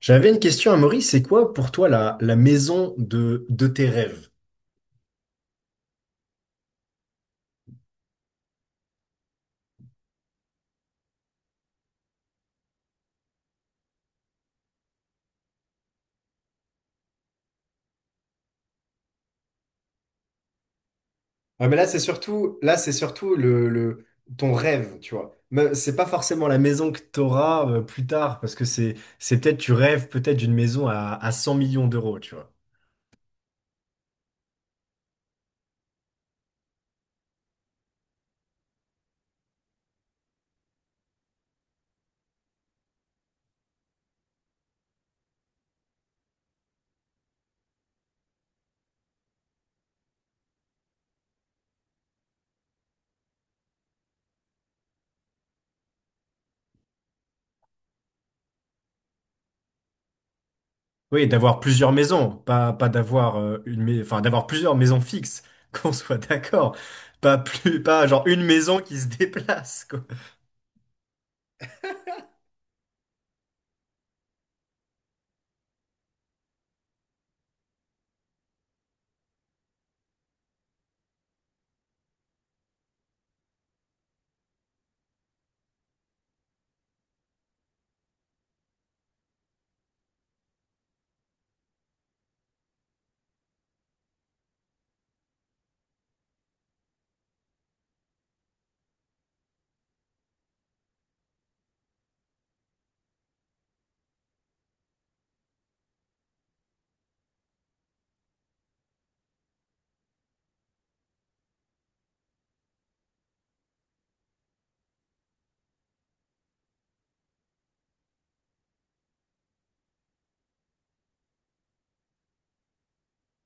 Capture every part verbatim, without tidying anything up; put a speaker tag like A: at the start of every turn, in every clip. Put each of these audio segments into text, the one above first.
A: J'avais une question à Maurice, c'est quoi pour toi la, la maison de, de tes rêves? Ouais, mais là, c'est surtout, là, c'est surtout le, le- ton rêve, tu vois. Mais C'est pas forcément la maison que tu auras plus tard, parce que c'est, c'est peut-être, tu rêves peut-être d'une maison à, à cent millions d'euros, tu vois. Oui, d'avoir plusieurs maisons, pas, pas d'avoir euh, une, mais- enfin, d'avoir plusieurs maisons fixes, qu'on soit d'accord. Pas plus, pas genre une maison qui se déplace.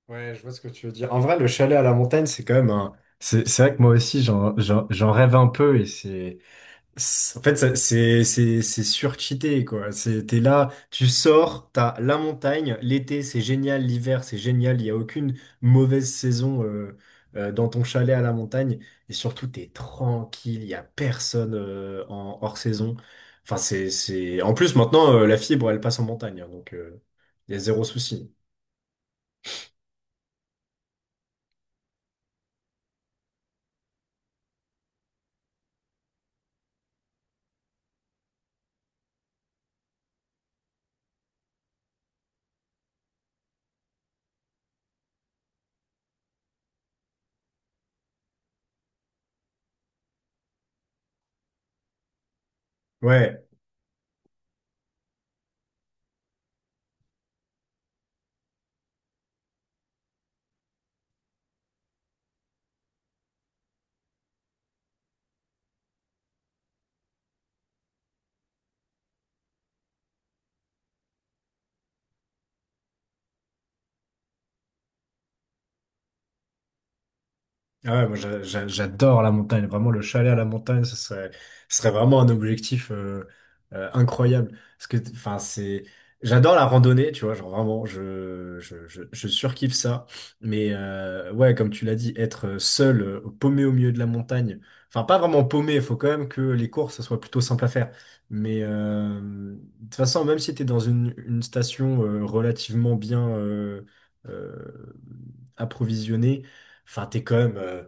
A: Ouais, je vois ce que tu veux dire. En vrai, le chalet à la montagne, c'est quand même un... C'est c'est vrai que moi aussi, j'en j'en- j'en rêve un peu et c'est... c'est- En fait, ça- c'est c'est- c'est surcheaté, quoi. C'est- T'es là, tu sors, t'as la montagne, l'été, c'est génial, l'hiver, c'est génial, il n'y a aucune mauvaise saison euh, euh, dans ton chalet à la montagne. Et surtout, t'es tranquille, il n'y a personne euh, en hors saison. Enfin, c'est... c'est- En plus, maintenant, euh, la fibre, elle passe en montagne, hein, donc euh, il y a zéro souci. Ouais. Ah ouais, moi j'a- j'a- j'adore la montagne, vraiment le chalet à la montagne, ce serait, ce serait vraiment un objectif euh, euh, incroyable. Parce que, enfin, c'est, j'adore la randonnée, tu vois, genre vraiment, je, je, je, je surkiffe ça. Mais euh, ouais, comme tu l'as dit, être seul, euh, paumé au milieu de la montagne, enfin, pas vraiment paumé, il faut quand même que les courses, ça soit plutôt simple à faire. Mais euh, de toute façon, même si tu es dans une, une station euh, relativement bien euh, euh, approvisionnée. Enfin, t'es quand même, euh,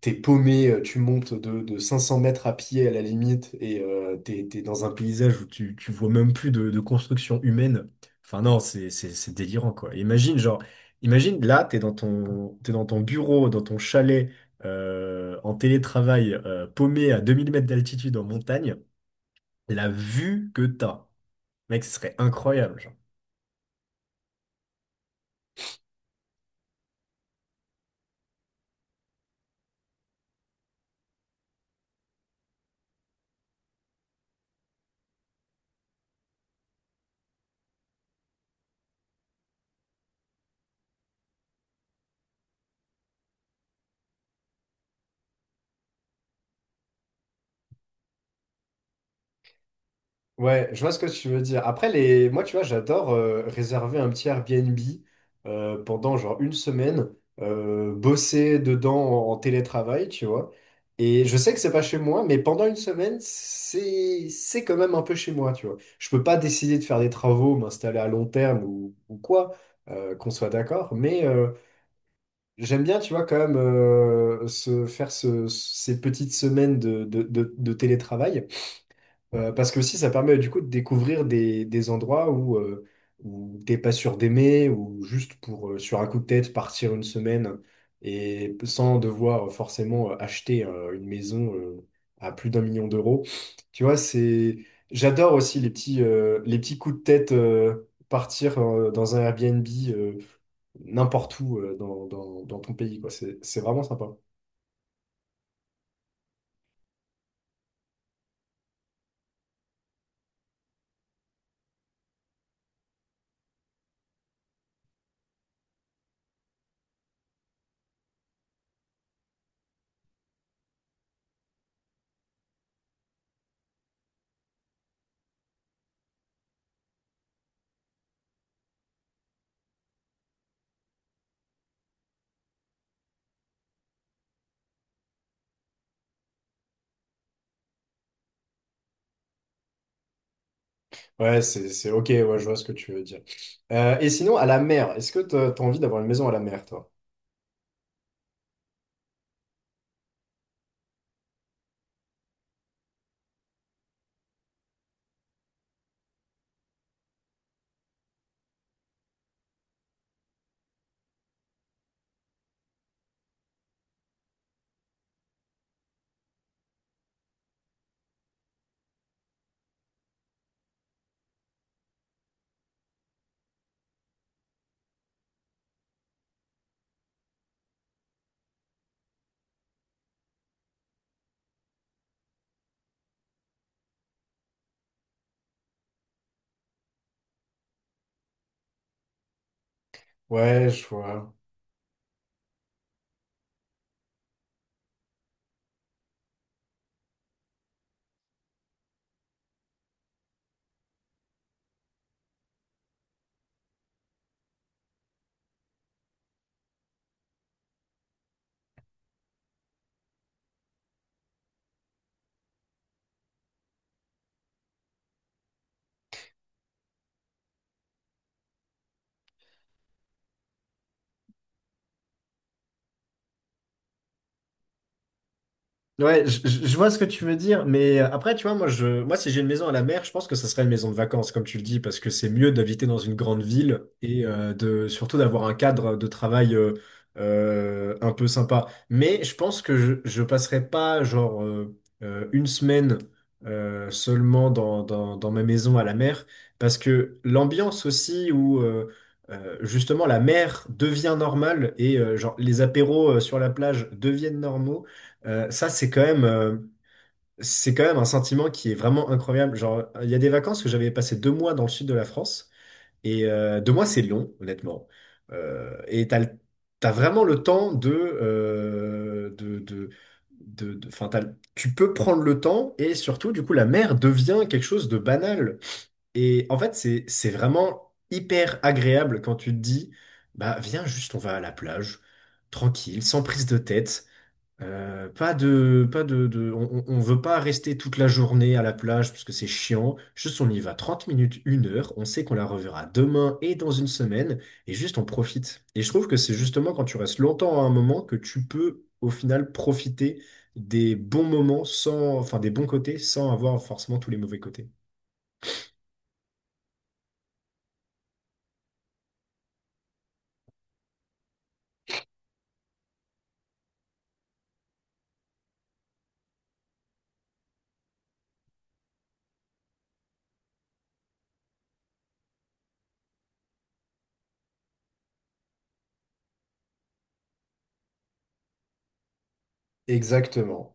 A: t'es paumé, euh, tu montes de, de cinq cents mètres à pied à la limite et euh, t'es, t'es dans un paysage où tu, tu vois même plus de, de construction humaine. Enfin non, c'est, c'est, c'est délirant quoi. Imagine genre, imagine là, t'es dans ton, t'es dans ton bureau, dans ton chalet, euh, en télétravail, euh, paumé à deux mille mètres d'altitude en montagne. La vue que t'as, mec, ce serait incroyable. genre. Ouais, je vois ce que tu veux dire. Après, les... moi, tu vois, j'adore euh, réserver un petit Airbnb euh, pendant genre une semaine, euh, bosser dedans en, en télétravail, tu vois. Et je sais que c'est pas chez moi, mais pendant une semaine, c'est c'est quand même un peu chez moi, tu vois. Je peux pas décider de faire des travaux, m'installer à long terme ou, ou quoi, euh, qu'on soit d'accord, mais euh, j'aime bien, tu vois, quand même euh, se faire ce- ces petites semaines de, de de- de télétravail. Euh, parce que aussi, ça permet du coup de découvrir des, des endroits où, euh, où t'es pas sûr d'aimer, ou juste pour, euh, sur un coup de tête, partir une semaine et sans devoir euh, forcément euh, acheter euh, une maison euh, à plus d'un million d'euros. Tu vois, c'est... J'adore aussi les petits, euh, les petits coups de tête, euh, partir euh, dans un Airbnb euh, n'importe où euh, dans, dans, dans ton pays, quoi. C'est, c'est vraiment sympa. Ouais, c'est, c'est ok, ouais, je vois ce que tu veux dire. Euh, et sinon, à la mer, est-ce que t'as t'as envie d'avoir une maison à la mer, toi? Ouais, je vois. Ouais, je, je- je vois ce que tu veux dire, mais euh, après, tu vois, moi, je, moi, si j'ai une maison à la mer, je pense que ça serait une maison de vacances, comme tu le dis, parce que c'est mieux d'habiter dans une grande ville et euh, de surtout d'avoir un cadre de travail euh, euh, un peu sympa. Mais je pense que je, je passerai pas genre euh, euh, une semaine euh, seulement dans, dans, dans ma maison à la mer, parce que l'ambiance aussi où euh, euh, justement la mer devient normale et euh, genre les apéros euh, sur la plage deviennent normaux. Euh, ça, c'est quand même, euh, c'est quand même un sentiment qui est vraiment incroyable. Genre, euh, il y a des vacances où j'avais passé deux mois dans le sud de la France. Et euh, deux mois, c'est long, honnêtement. Euh, et t'as, le- t'as vraiment le temps de. euh, de, de, de, de- 'fin, t'as le- tu peux prendre le temps et surtout, du coup, la mer devient quelque chose de banal. Et en fait, c'est, c'est vraiment hyper agréable quand tu te dis, bah, viens juste, on va à la plage, tranquille, sans prise de tête. Euh, pas de, pas de, de- on, on on veut pas rester toute la journée à la plage parce que c'est chiant. Juste, on y va trente minutes, une heure. On sait qu'on la reverra demain et dans une semaine. Et juste, on profite. Et je trouve que c'est justement quand tu restes longtemps à un moment que tu peux, au final, profiter des bons moments sans, enfin, des bons côtés sans avoir forcément tous les mauvais côtés. Exactement.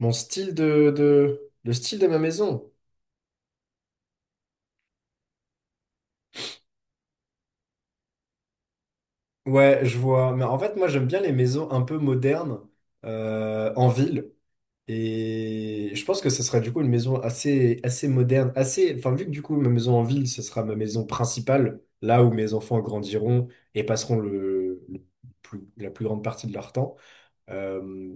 A: Mon style de, de, le style de ma maison. Ouais, je vois. Mais en fait, moi, j'aime bien les maisons un peu modernes euh, en ville. Et je pense que ce serait du coup une maison assez, assez moderne, assez. Enfin, vu que du coup, ma maison en ville, ce sera ma maison principale, là où mes enfants grandiront et passeront le, le plus, la plus grande partie de leur temps. Euh,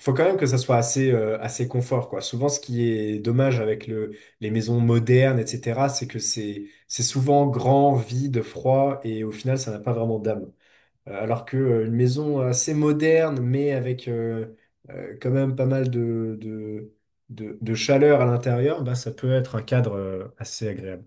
A: Faut quand même que ça soit assez, euh, assez confort, quoi. Souvent, ce qui est dommage avec le, les maisons modernes, et cætera, c'est que c'est, c'est souvent grand, vide, froid, et au final, ça n'a pas vraiment d'âme. Euh, Alors que euh, une maison assez moderne, mais avec euh, euh, quand même pas mal de, de, de, de chaleur à l'intérieur, bah, ça peut être un cadre euh, assez agréable.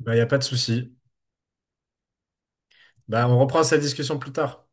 A: Bah, il n'y a pas de souci. Bah, on reprend cette discussion plus tard.